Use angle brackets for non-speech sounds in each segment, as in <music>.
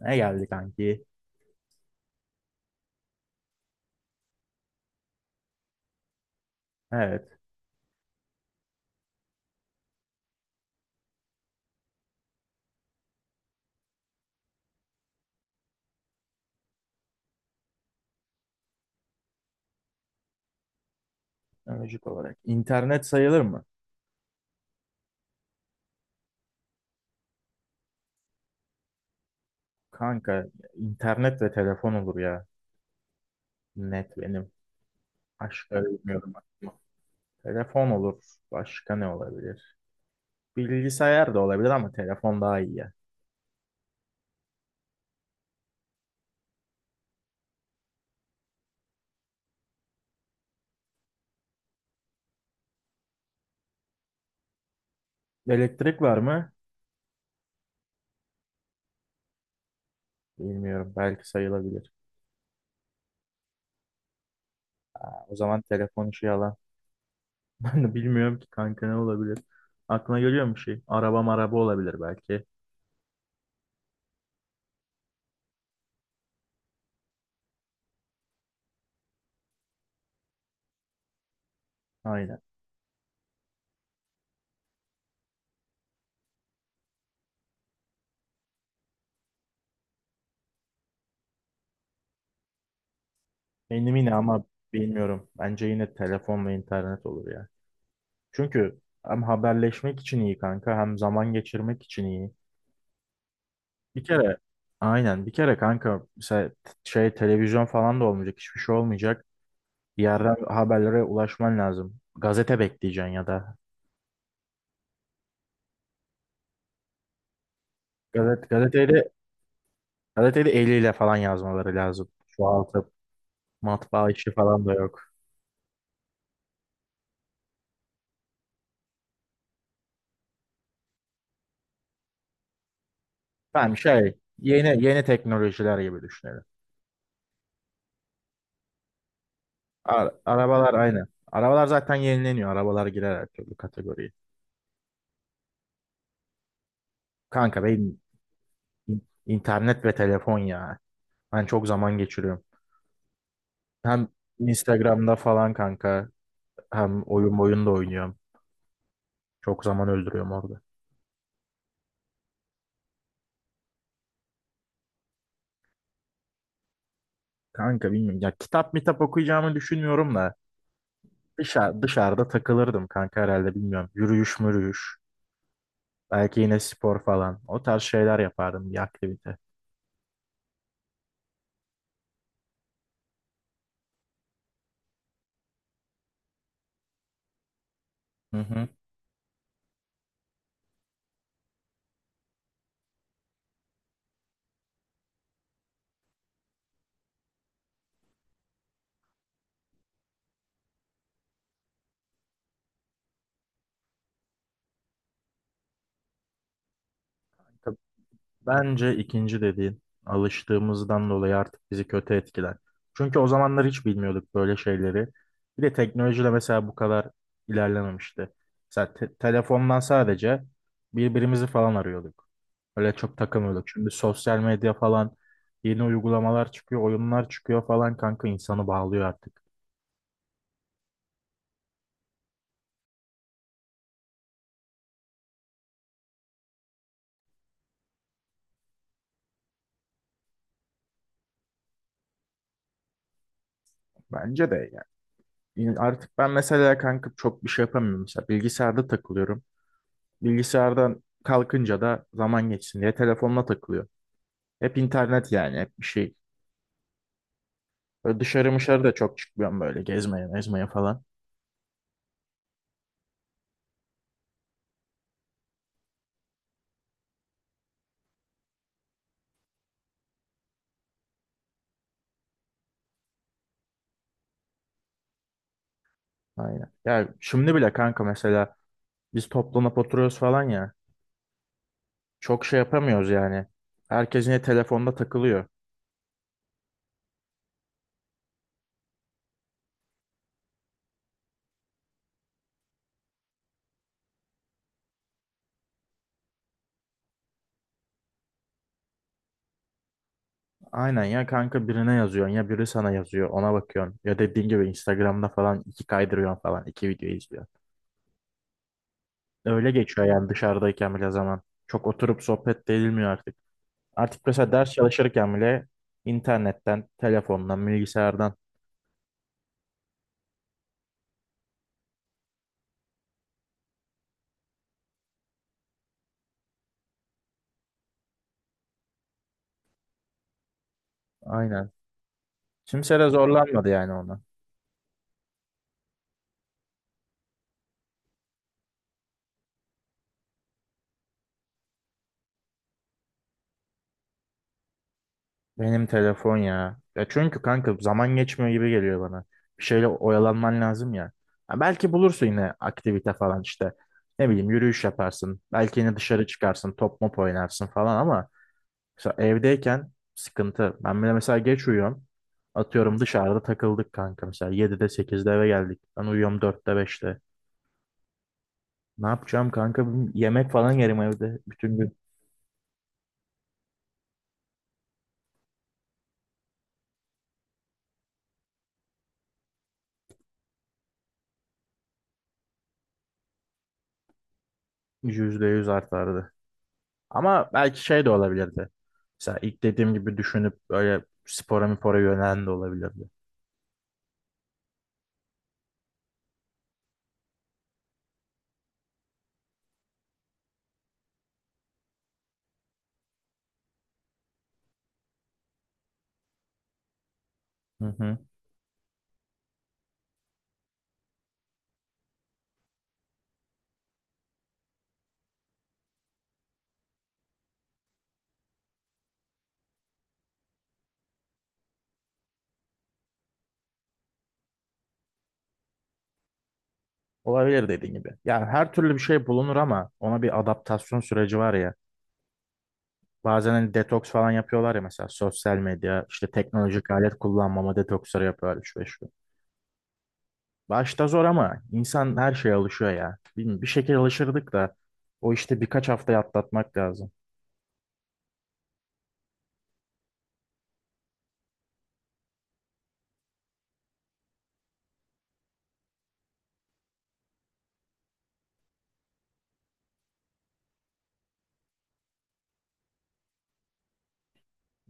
Ne geldi kanki? Evet. Öncük olarak. İnternet sayılır mı? Kanka internet ve telefon olur ya. Net benim. Başka bilmiyorum aklıma. Telefon olur. Başka ne olabilir? Bilgisayar da olabilir ama telefon daha iyi ya. Elektrik var mı? Bilmiyorum. Belki sayılabilir. Ha, o zaman telefon işi yalan. <laughs> Ben de bilmiyorum ki kanka ne olabilir. Aklına geliyor mu bir şey? Araba maraba olabilir belki. Aynen. Benim yine ama bilmiyorum. Bence yine telefon ve internet olur ya. Çünkü hem haberleşmek için iyi kanka hem zaman geçirmek için iyi. Bir kere aynen bir kere kanka mesela televizyon falan da olmayacak, hiçbir şey olmayacak. Bir yerden haberlere ulaşman lazım. Gazete bekleyeceksin ya da gazet gazeteyi de gazeteyi de eliyle falan yazmaları lazım. Çoğaltıp matbaa işi falan da yok. Ben şey yeni yeni teknolojiler gibi düşünelim. Arabalar aynı. Arabalar zaten yenileniyor. Arabalar girer her türlü kategoriye. Kanka benim İn- İnternet ve telefon ya. Ben çok zaman geçiriyorum. Hem Instagram'da falan kanka hem oyun da oynuyorum. Çok zaman öldürüyorum orada. Kanka bilmiyorum ya, kitap mitap okuyacağımı düşünmüyorum da dışarıda takılırdım kanka herhalde, bilmiyorum. Yürüyüş mürüyüş. Belki yine spor falan. O tarz şeyler yapardım, bir aktivite. Hı hı. Bence ikinci dediğin, alıştığımızdan dolayı artık bizi kötü etkiler. Çünkü o zamanlar hiç bilmiyorduk böyle şeyleri. Bir de teknoloji de mesela bu kadar ilerlememişti. Mesela telefondan sadece birbirimizi falan arıyorduk. Öyle çok takılmıyorduk. Şimdi sosyal medya falan, yeni uygulamalar çıkıyor, oyunlar çıkıyor falan kanka, insanı bağlıyor artık. Bence de yani. Artık ben mesela kanka çok bir şey yapamıyorum. Mesela bilgisayarda takılıyorum. Bilgisayardan kalkınca da zaman geçsin diye telefonla takılıyor. Hep internet, yani hep bir şey. Böyle dışarı mışarı da çok çıkmıyorum, böyle gezmeye mezmeye falan. Aynen. Ya şimdi bile kanka mesela biz toplanıp oturuyoruz falan ya. Çok şey yapamıyoruz yani. Herkes yine telefonda takılıyor. Aynen ya kanka, birine yazıyorsun ya biri sana yazıyor, ona bakıyorsun. Ya dediğin gibi Instagram'da falan iki kaydırıyorsun falan, iki video izliyorsun. Öyle geçiyor yani dışarıdayken bile zaman. Çok oturup sohbet de edilmiyor artık. Artık mesela ders çalışırken bile internetten, telefondan, bilgisayardan. Aynen. Kimse de zorlanmadı yani ona. Benim telefon ya. Ya çünkü kanka zaman geçmiyor gibi geliyor bana. Bir şeyle oyalanman lazım ya. Ha belki bulursun yine aktivite falan işte. Ne bileyim, yürüyüş yaparsın. Belki yine dışarı çıkarsın, top mop oynarsın falan ama mesela evdeyken sıkıntı. Ben bile mesela geç uyuyorum. Atıyorum dışarıda takıldık kanka mesela yedide sekizde eve geldik. Ben uyuyorum dörtte beşte. Ne yapacağım kanka? Yemek falan yerim evde. Bütün gün %100 artardı. Ama belki şey de olabilirdi. Mesela ilk dediğim gibi düşünüp böyle spora mipora yönelen de olabilirdi. Hı hı. Olabilir dediğin gibi. Yani her türlü bir şey bulunur ama ona bir adaptasyon süreci var ya. Bazen hani detoks falan yapıyorlar ya, mesela sosyal medya, işte teknolojik alet kullanmama detoksları yapıyorlar 3-5 gün. Başta zor ama insan her şeye alışıyor ya. Bilmiyorum, bir şekilde alışırdık da o işte birkaç haftayı atlatmak lazım.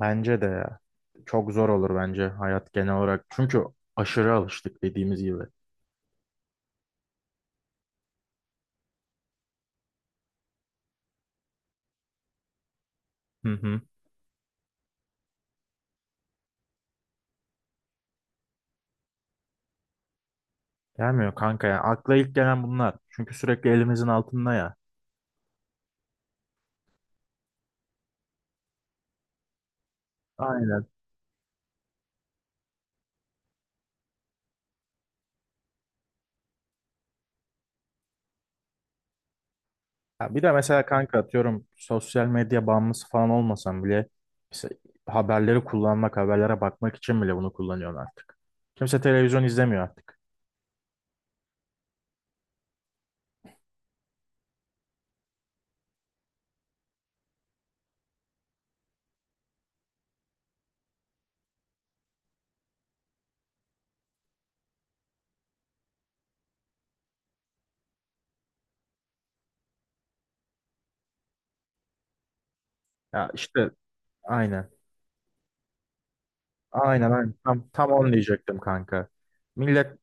Bence de ya. Çok zor olur bence hayat genel olarak. Çünkü aşırı alıştık dediğimiz gibi. Hı hı. Gelmiyor kanka ya. Akla ilk gelen bunlar. Çünkü sürekli elimizin altında ya. Aynen. Ya bir de mesela kanka atıyorum sosyal medya bağımlısı falan olmasam bile, mesela haberleri kullanmak, haberlere bakmak için bile bunu kullanıyorsun artık. Kimse televizyon izlemiyor artık. Ya işte aynen. Aynen. Tam onu diyecektim kanka. Millet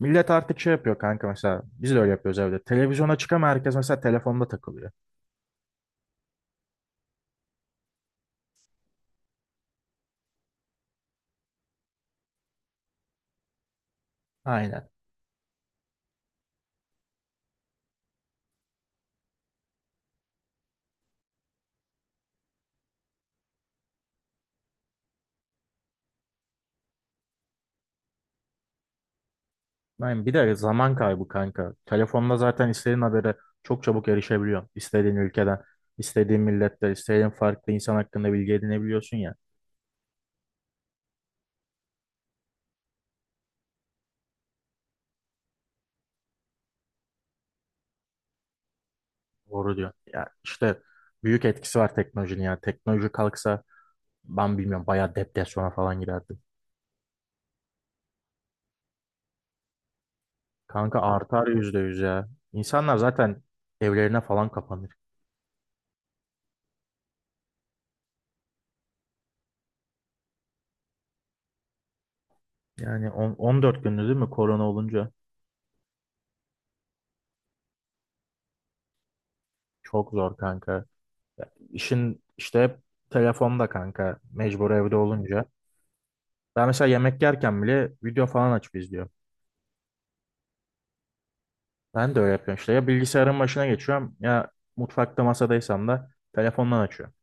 Millet artık şey yapıyor kanka mesela. Biz de öyle yapıyoruz evde. Televizyona çıkama herkes mesela telefonda takılıyor. Aynen. Aynen. Bir de zaman kaybı kanka. Telefonda zaten istediğin habere çok çabuk erişebiliyorsun. İstediğin ülkeden, istediğin milletten, istediğin farklı insan hakkında bilgi edinebiliyorsun ya. Doğru diyor. Ya işte büyük etkisi var teknolojinin ya. Teknoloji kalksa ben bilmiyorum, bayağı depresyona falan girerdim. Kanka artar %100 ya. İnsanlar zaten evlerine falan kapanır. Yani 14 gündü değil mi korona olunca? Çok zor kanka. Ya, İşin işte hep telefonda kanka. Mecbur evde olunca. Ben mesela yemek yerken bile video falan açıp izliyorum. Ben de öyle yapıyorum işte. Ya bilgisayarın başına geçiyorum ya mutfakta masadaysam da telefondan açıyorum.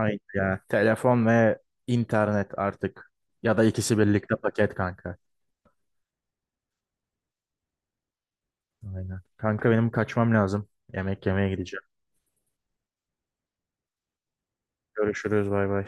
Ay ya telefon ve internet artık. Ya da ikisi birlikte paket kanka. Aynen. Kanka benim kaçmam lazım. Yemek yemeye gideceğim. Görüşürüz, bay bay.